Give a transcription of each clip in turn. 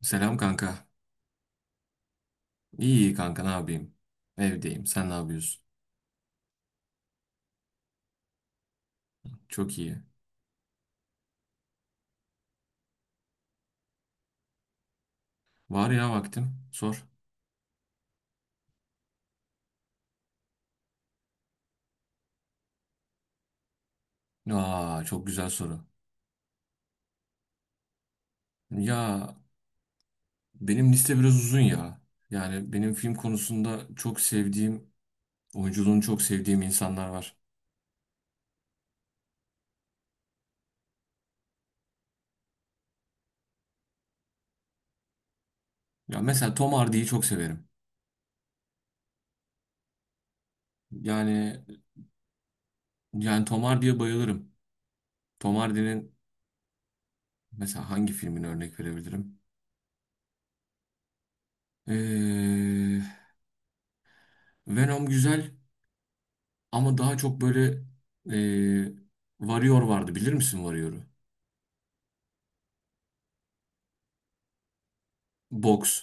Selam kanka. İyi kanka ne yapayım? Evdeyim. Sen ne yapıyorsun? Çok iyi. Var ya vaktim. Sor. Aa çok güzel soru. Ya benim liste biraz uzun ya. Yani benim film konusunda çok sevdiğim, oyunculuğunu çok sevdiğim insanlar var. Ya mesela Tom Hardy'yi çok severim. Yani yani Tom Hardy'ye bayılırım. Tom Hardy'nin mesela hangi filmini örnek verebilirim? Ee, Venom güzel. Ama daha çok böyle eee Warrior vardı. Bilir misin Warrior'u? Boks.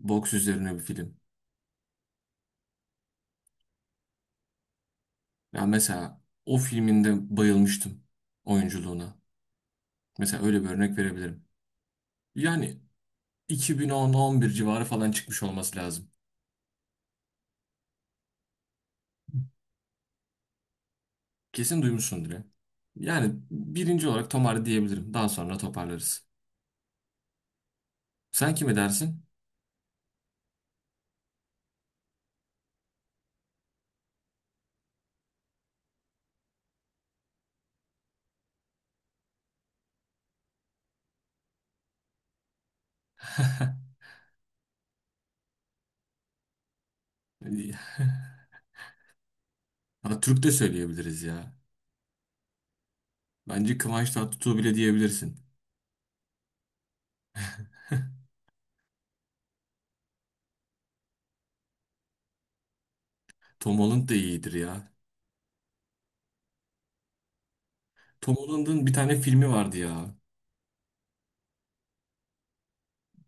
Boks üzerine bir film. Ya mesela o filminde bayılmıştım oyunculuğuna. Mesela öyle bir örnek verebilirim. Yani 2010-11 civarı falan çıkmış olması lazım. Kesin duymuşsundur ya. Yani birinci olarak Tom Hardy diyebilirim. Daha sonra toparlarız. Sen kime dersin? Ha, Türk de söyleyebiliriz ya. Bence Kıvanç Tatlıtuğ bile diyebilirsin. Tom Holland da iyidir ya. Tom Holland'ın bir tane filmi vardı ya.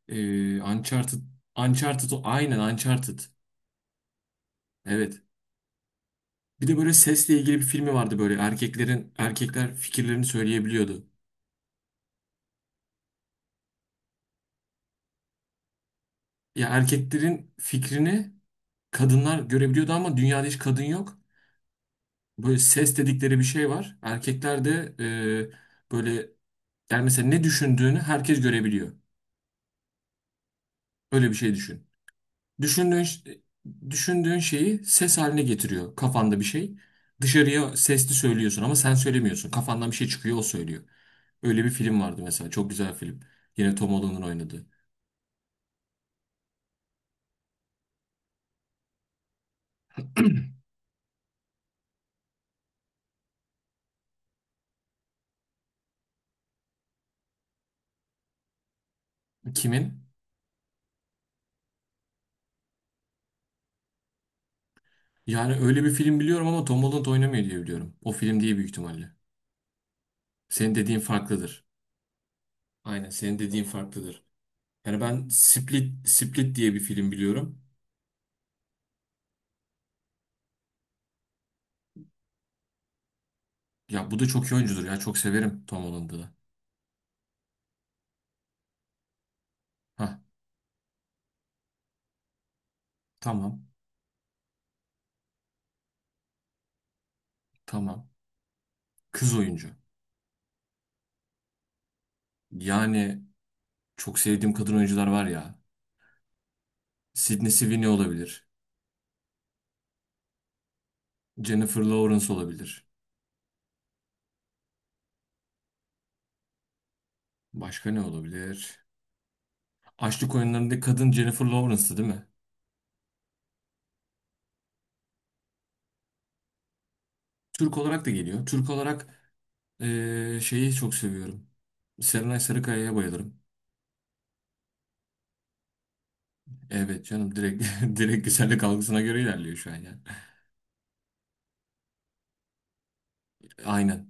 Uncharted. Uncharted o. Aynen Uncharted. Evet. Bir de böyle sesle ilgili bir filmi vardı böyle. Erkeklerin, erkekler fikirlerini söyleyebiliyordu. Ya erkeklerin fikrini kadınlar görebiliyordu ama dünyada hiç kadın yok. Böyle ses dedikleri bir şey var. Erkekler de böyle yani mesela ne düşündüğünü herkes görebiliyor. Öyle bir şey düşün. Düşündüğün, düşündüğün şeyi ses haline getiriyor kafanda bir şey. Dışarıya sesli söylüyorsun ama sen söylemiyorsun. Kafandan bir şey çıkıyor o söylüyor. Öyle bir film vardı mesela. Çok güzel film. Yine Tom Holland'ın oynadığı. Kimin? Yani öyle bir film biliyorum ama Tom Holland oynamıyor diye biliyorum. O film değil büyük ihtimalle. Senin dediğin farklıdır. Aynen senin dediğin farklıdır. Yani ben Split, Split diye bir film biliyorum. Ya bu da çok iyi oyuncudur ya. Çok severim Tom Holland'ı da. Hah, tamam, tamam. Kız oyuncu. Yani çok sevdiğim kadın oyuncular var ya. Sydney Sweeney olabilir. Jennifer Lawrence olabilir. Başka ne olabilir? Açlık oyunlarındaki kadın Jennifer Lawrence'tı değil mi? Türk olarak da geliyor. Türk olarak şeyi çok seviyorum. Serenay Sarıkaya'ya bayılırım. Evet canım, direkt, direkt güzellik algısına göre ilerliyor şu an yani. Aynen.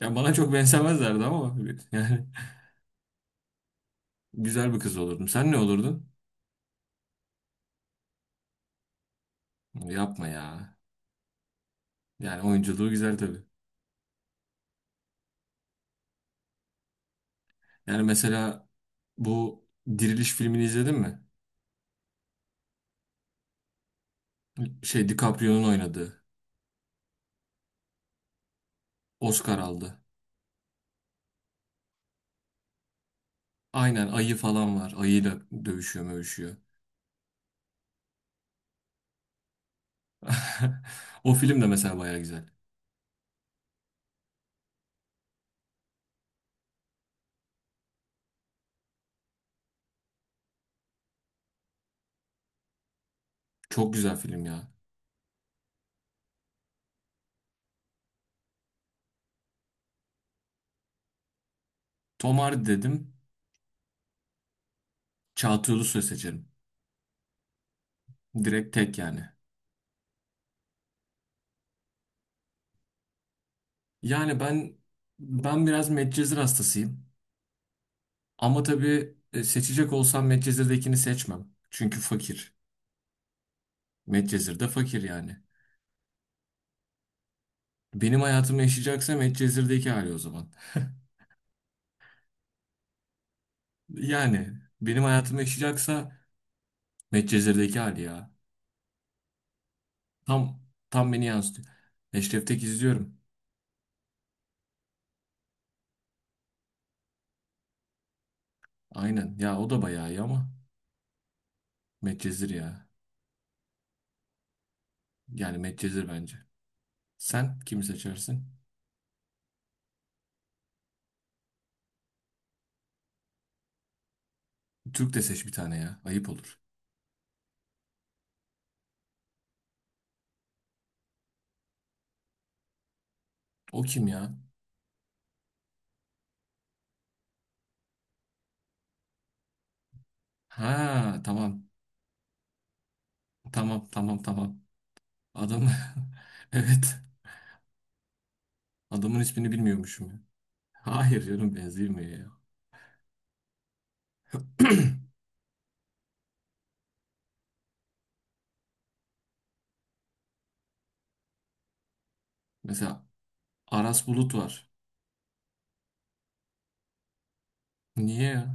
Ya bana çok benzemezlerdi ama yani güzel bir kız olurdum. Sen ne olurdun? Yapma ya. Yani oyunculuğu güzel tabii. Yani mesela bu Diriliş filmini izledin mi? Şey, DiCaprio'nun oynadığı. Oscar aldı. Aynen ayı falan var. Ayıyla dövüşüyor mövüşüyor. O film de mesela baya güzel. Çok güzel film ya. Tom Hardy dedim. Çağatay Ulusoy seçerim. Direkt tek yani. Yani ben biraz Medcezir hastasıyım. Ama tabii seçecek olsam Medcezir'dekini seçmem. Çünkü fakir. Medcezir de fakir yani. Benim hayatımı yaşayacaksa Medcezir'deki hali o zaman. Yani benim hayatımı yaşayacaksa Medcezir'deki hali ya. Tam tam beni yansıtıyor. Eşref Tek izliyorum. Aynen. Ya o da bayağı iyi ama Medcezir ya. Yani Medcezir bence. Sen kimi seçersin? Türk de seç bir tane ya. Ayıp olur. O kim ya? Ha, tamam. Tamam, tamam, tamam. Adam, evet. Adamın ismini bilmiyormuşum ya. Hayır canım, benzemiyor ya. Mesela Aras Bulut var. Niye ya?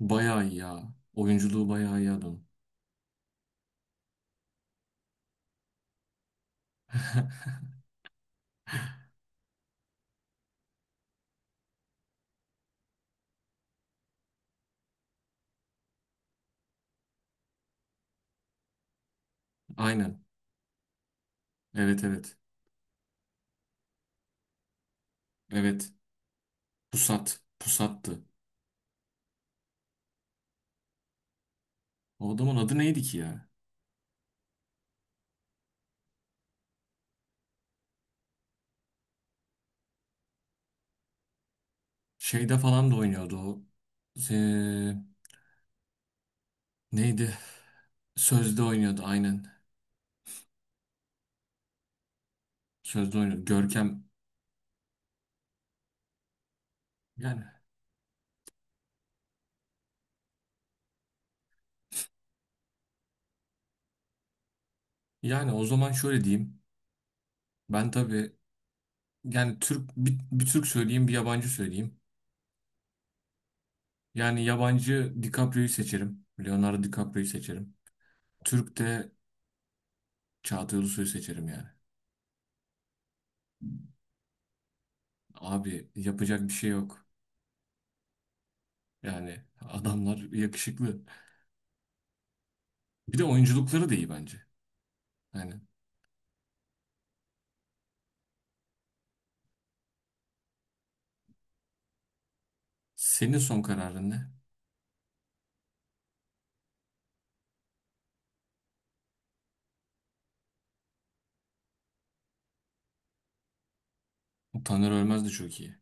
Bayağı iyi ya. Oyunculuğu bayağı iyi adamın. Aynen. Evet, evet. Evet. Pusat. Pusattı. O adamın adı neydi ki ya? Şeyde falan da oynuyordu o. Ee, neydi? Sözde oynuyordu aynen. Sözde oynuyordu. Görkem. Yani yani o zaman şöyle diyeyim. Ben tabii yani Türk bir Türk söyleyeyim, bir yabancı söyleyeyim. Yani yabancı DiCaprio'yu seçerim. Leonardo DiCaprio'yu seçerim. Türk de Çağatay Ulusoy'u seçerim yani. Abi yapacak bir şey yok. Yani adamlar yakışıklı. Bir de oyunculukları da iyi bence. Yani senin son kararın ne? Taner Ölmez de çok iyi.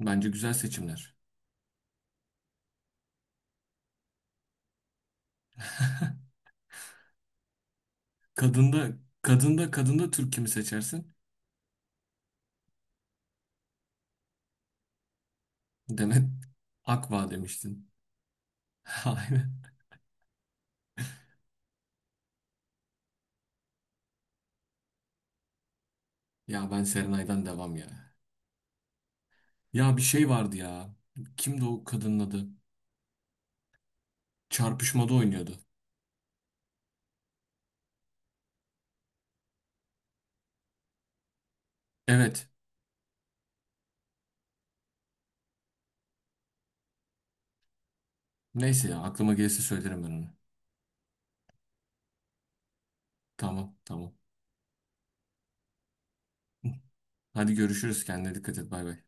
Bence güzel seçimler. Kadında Türk kimi seçersin? Demet Akva demiştin. Aynen. Ya ben Serenay'dan devam ya. Ya bir şey vardı ya. Kimdi o kadının adı? Çarpışmada oynuyordu. Evet. Neyse ya, aklıma gelirse söylerim ben onu. Tamam, tamam. Hadi görüşürüz. Kendine dikkat et. Bay bay.